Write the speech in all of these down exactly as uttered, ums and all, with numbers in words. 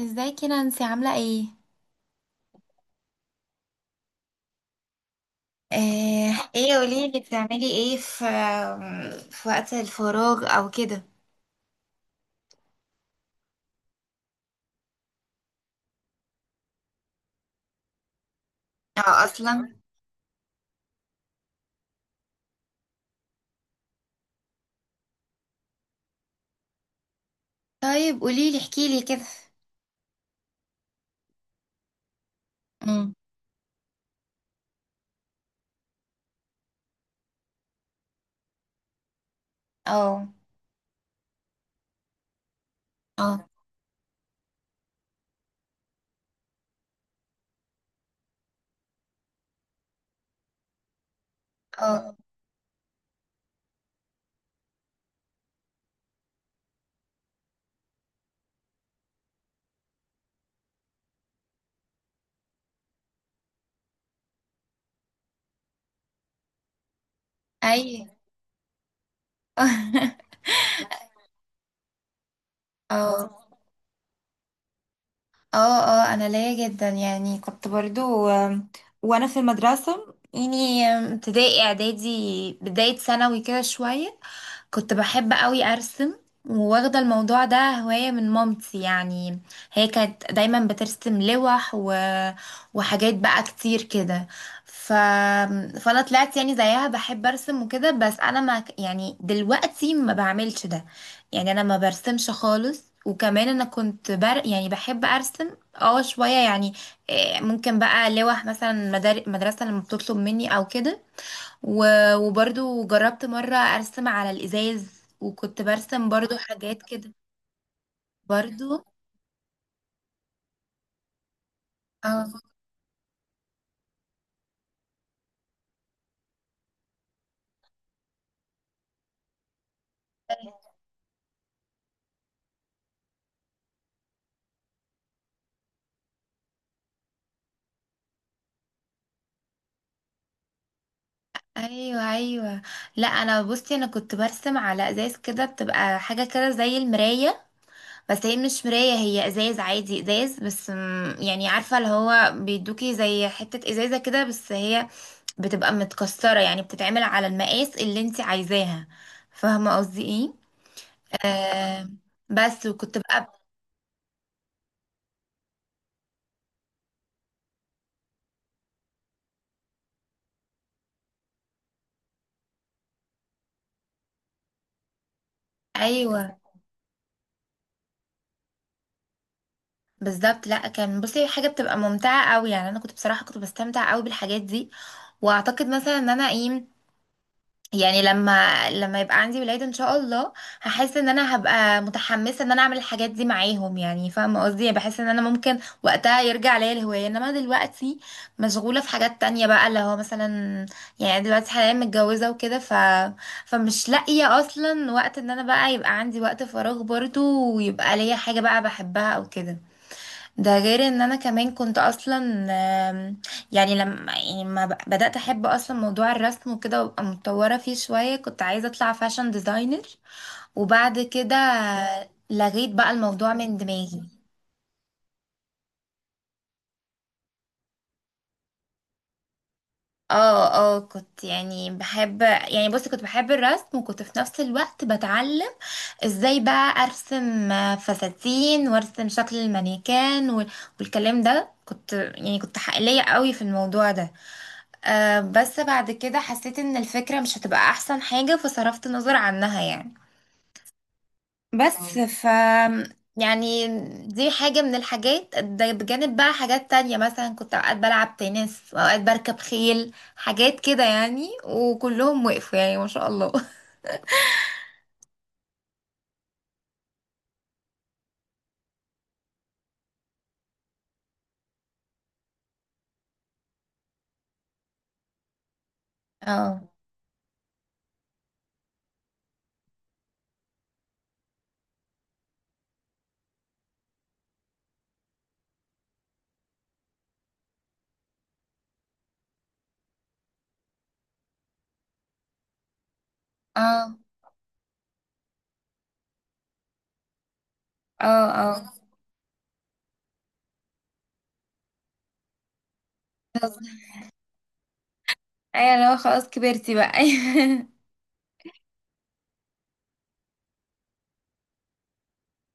ازيك يا نانسي، عاملة ايه؟ آه، ايه قوليلي بتعملي ايه في في وقت الفراغ او كده. او اصلا. طيب قوليلي، احكيلي كده. مم. اه. اه. اه. اي. اه. اه. اه. انا ليا جدا، يعني كنت برضو، آم، وانا في المدرسة يعني، آم، ابتدائي اعدادي، بداية ثانوي كده شوية. كنت بحب قوي ارسم، وواخده الموضوع ده هوايه من مامتي يعني. هي كانت دايما بترسم لوح و... وحاجات بقى كتير كده. ف... فانا طلعت يعني زيها بحب ارسم وكده، بس انا ما ك- يعني دلوقتي ما بعملش ده. يعني انا ما برسمش خالص. وكمان انا كنت بر... يعني بحب ارسم اه شويه يعني. إيه، ممكن بقى لوح مثلا مدار... مدرسه لما بتطلب مني او كده. و- وبرضو جربت مرة أرسم على الإزاز، وكنت برسم برضو حاجات كده. برضو. اه. ايوه، ايوه. لا، انا بصي انا كنت برسم على ازاز كده، بتبقى حاجه كده زي المرايه. بس هي مش مرايه، هي ازاز عادي، ازاز. بس م- يعني عارفه اللي هو بيدوكي زي حته ازازه كده، بس هي بتبقى متكسره يعني، بتتعمل على المقاس اللي انت عايزاها. فاهمه قصدي ايه؟ آه. بس وكنت بقى. ايوه بالظبط. لا، كان بصي حاجه بتبقى ممتعه قوي، يعني انا كنت بصراحه كنت بستمتع قوي بالحاجات دي. واعتقد مثلا ان انا ايه، يعني لما لما يبقى عندي ولاد ان شاء الله، هحس ان انا هبقى متحمسه ان انا اعمل الحاجات دي معاهم. يعني فاهمه قصدي، يعني بحس ان انا ممكن وقتها يرجع ليا الهوايه، انما دلوقتي مشغوله في حاجات تانية بقى، اللي هو مثلا يعني دلوقتي حاليا متجوزه وكده، ف فمش لاقيه اصلا وقت ان انا بقى يبقى عندي وقت فراغ برضه، ويبقى ليا حاجه بقى بحبها او كده. ده غير ان انا كمان كنت اصلا، آم، يعني لما يعني ما ب- بدأت احب اصلا موضوع الرسم وكده، وابقى متطورة فيه شوية كنت عايزة اطلع فاشن ديزاينر. وبعد كده لغيت بقى الموضوع من دماغي. اه. اه. كنت يعني بحب يعني بصي كنت بحب الرسم، وكنت في نفس الوقت بتعلم ازاي بقى ارسم فساتين، وارسم شكل المانيكان وال- والكلام ده، كنت يعني كنت حقيقية قوي في الموضوع ده. آه، بس بعد كده حسيت ان الفكرة مش هتبقى احسن حاجة، فصرفت نظر عنها يعني. بس ف يعني دي حاجة من الحاجات ده، بجانب بقى حاجات تانية. مثلا كنت اوقات بلعب تنس، اوقات بركب خيل، حاجات كده يعني، وكلهم وقفوا يعني ما شاء الله. اه. اه. اه. اه. ايوه، لو خلاص كبرتي بقى.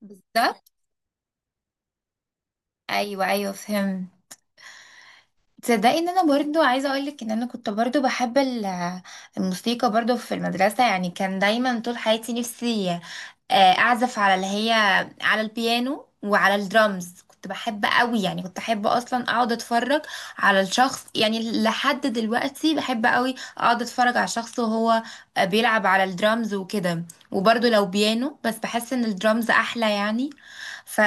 بالظبط، ايوه، ايوه، فهمت. تصدقي ان انا برضو عايزه اقولك، ان انا كنت برضو بحب ال- الموسيقى، برضو في المدرسه. يعني كان دايما طول حياتي نفسي آه، اعزف على اللي هي، على البيانو وعلى الدرامز. كنت بحب قوي، يعني كنت احب اصلا اقعد اتفرج على الشخص، يعني لحد دلوقتي بحب قوي اقعد اتفرج على شخص وهو آه، بيلعب على الدرامز وكده. وبرضو لو بيانو، بس بحس ان الدرامز احلى يعني. ف...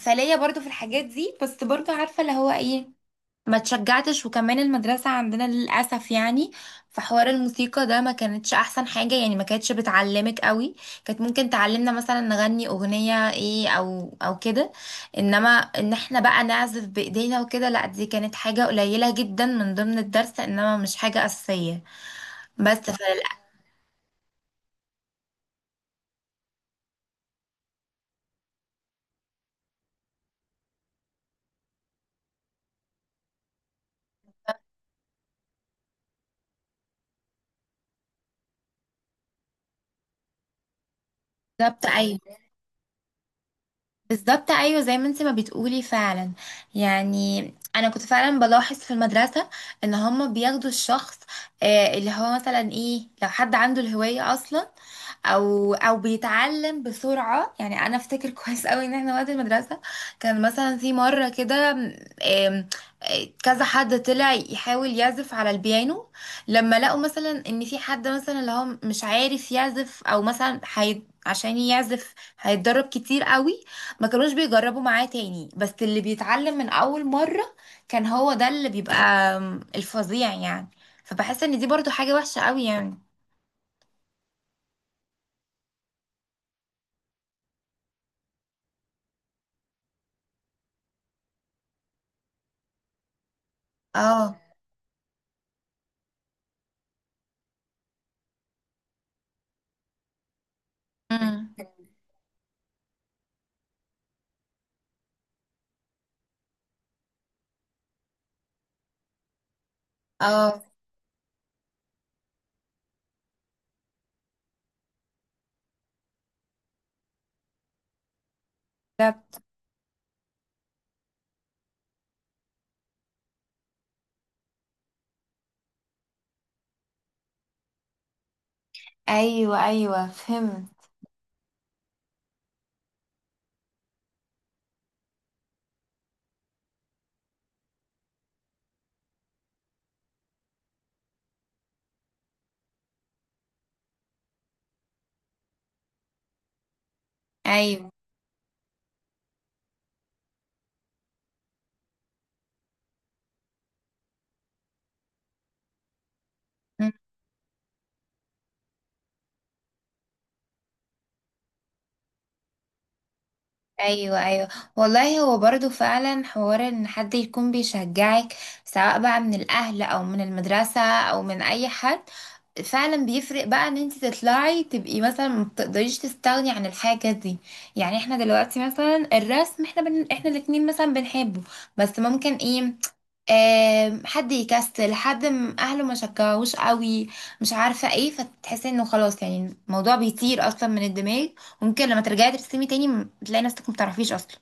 فليا برضو في الحاجات دي، بس برضو عارفه اللي هو ايه، ما تشجعتش، وكمان المدرسة عندنا للأسف يعني في حوار الموسيقى ده ما كانتش أحسن حاجة، يعني ما كانتش بتعلمك قوي. كانت ممكن تعلمنا مثلا نغني أغنية إيه أو أو كده. إنما إن إحنا بقى نعزف بإيدينا وكده، لأ دي كانت حاجة قليلة جدا من ضمن الدرس، إنما مش حاجة أساسية. بس فللأسف. بالظبط، ايوه، زي ما انت ما بتقولي فعلا. يعني انا كنت فعلا بلاحظ في المدرسه ان هما بياخدوا الشخص، آه، اللي هو مثلا ايه، لو حد عنده الهوايه اصلا، او او بيتعلم بسرعه. يعني انا افتكر كويس قوي ان احنا وقت المدرسه، كان مثلا في مره كده، آم، آم، كذا حد طلع يحاول يعزف على البيانو. لما لقوا مثلا ان في حد مثلا اللي هو مش عارف يعزف، او مثلا حي... عشان يعزف هيتدرب كتير قوي، ما كانوش بيجربوا معاه تاني. بس اللي بيتعلم من اول مرة كان هو ده اللي بيبقى آم، الفظيع يعني. فبحس ان دي برضو حاجة وحشة قوي يعني. اه. امم. اه. بالظبط، ايوه، ايوه، فهمت. ايوه، ايوه، ايوه. والله هو برضو فعلا حوار، ان حد يكون بيشجعك سواء بقى من الاهل او من المدرسة او من اي حد، فعلا بيفرق بقى ان انت تطلعي تبقي مثلا ما بتقدريش تستغني عن الحاجة دي. يعني احنا دلوقتي مثلا الرسم، احنا بن... احنا الاتنين مثلا بنحبه. بس ممكن ايه، آم، حد يكسل، حد م- اهله ما شجعوش قوي، مش عارفه ايه، فتحسي انه خلاص يعني الموضوع بيطير اصلا من الدماغ. وممكن لما ترجعي ترسمي تاني م- تلاقي نفسك ما بتعرفيش اصلا.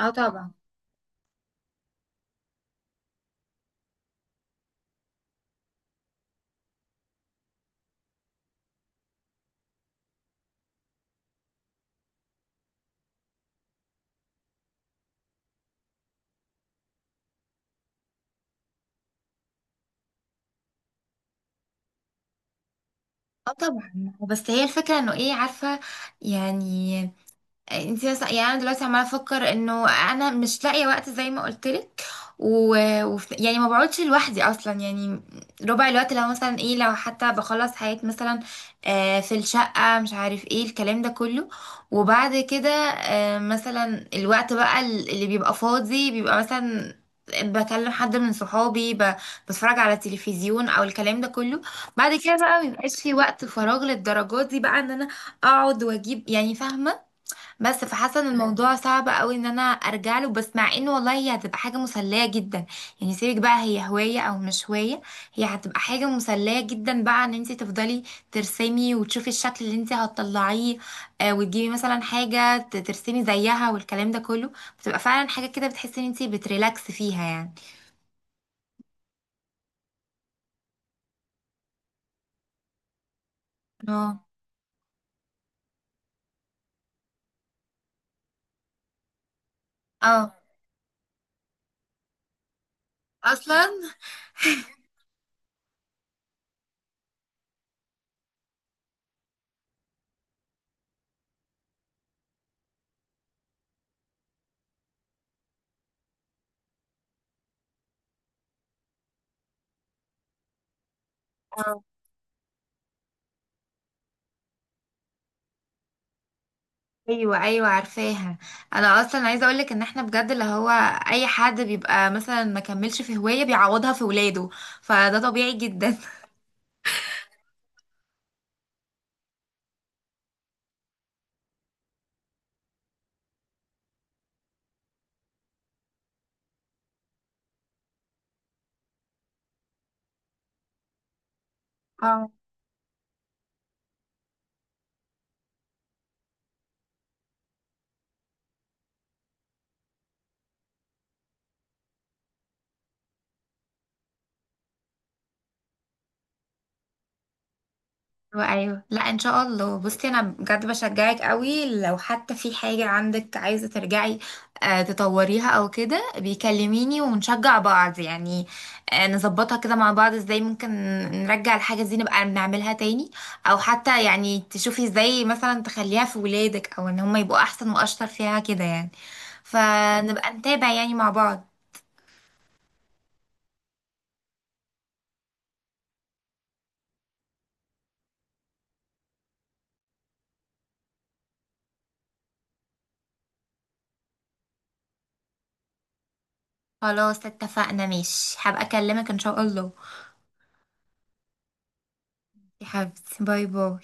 اه طبعا. اه طبعا. بس هي الفكره انه ايه، عارفه يعني. انت مثلا، يعني انا دلوقتي عماله افكر انه انا مش لاقيه وقت زي ما قلت لك. و... وف... يعني ما بقعدش لوحدي اصلا، يعني ربع الوقت. لو مثلا ايه، لو حتى بخلص حاجات مثلا آه في الشقه، مش عارف ايه الكلام ده كله، وبعد كده آه مثلا الوقت بقى اللي بيبقى فاضي بيبقى مثلا بكلم حد من صحابي، ب... بتفرج على التلفزيون او الكلام ده كله. بعد كده بقى مبيبقاش في وقت فراغ للدرجات دي، بقى ان انا اقعد واجيب، يعني فاهمه. بس فحاسه ان الموضوع صعب قوي ان انا ارجع له. بس مع انه والله هي هتبقى حاجه مسليه جدا. يعني سيبك بقى، هي هوايه او مش هوايه، هي هتبقى حاجه مسليه جدا بقى ان انت تفضلي ترسمي وتشوفي الشكل اللي انت هتطلعيه. آه وتجيبي مثلا حاجه ت- ترسمي زيها والكلام ده كله. بتبقى فعلا حاجه كده بتحسي ان انت بتريلاكس فيها يعني. اه. اه اصلا. ايوه، ايوه، عارفاها. انا اصلا عايزه اقولك ان احنا بجد، اللي هو اي حد بيبقى مثلا ما كملش في هوايه، بيعوضها في ولاده. فده طبيعي جدا. ايوه، أيوة. لا ان شاء الله، بصي انا بجد بشجعك قوي لو حتى في حاجه عندك عايزه ترجعي آه، تطوريها او كده. بيكلميني ونشجع بعض يعني، آه، نظبطها كده مع بعض، ازاي ممكن نرجع الحاجه دي نبقى نعملها تاني. او حتى يعني تشوفي ازاي مثلا تخليها في ولادك، او ان هم يبقوا احسن واشطر فيها كده يعني. فنبقى نتابع يعني مع بعض. خلاص، اتفقنا، ماشي، هبقى اكلمك ان شاء الله. يا حبيبتي، باي باي.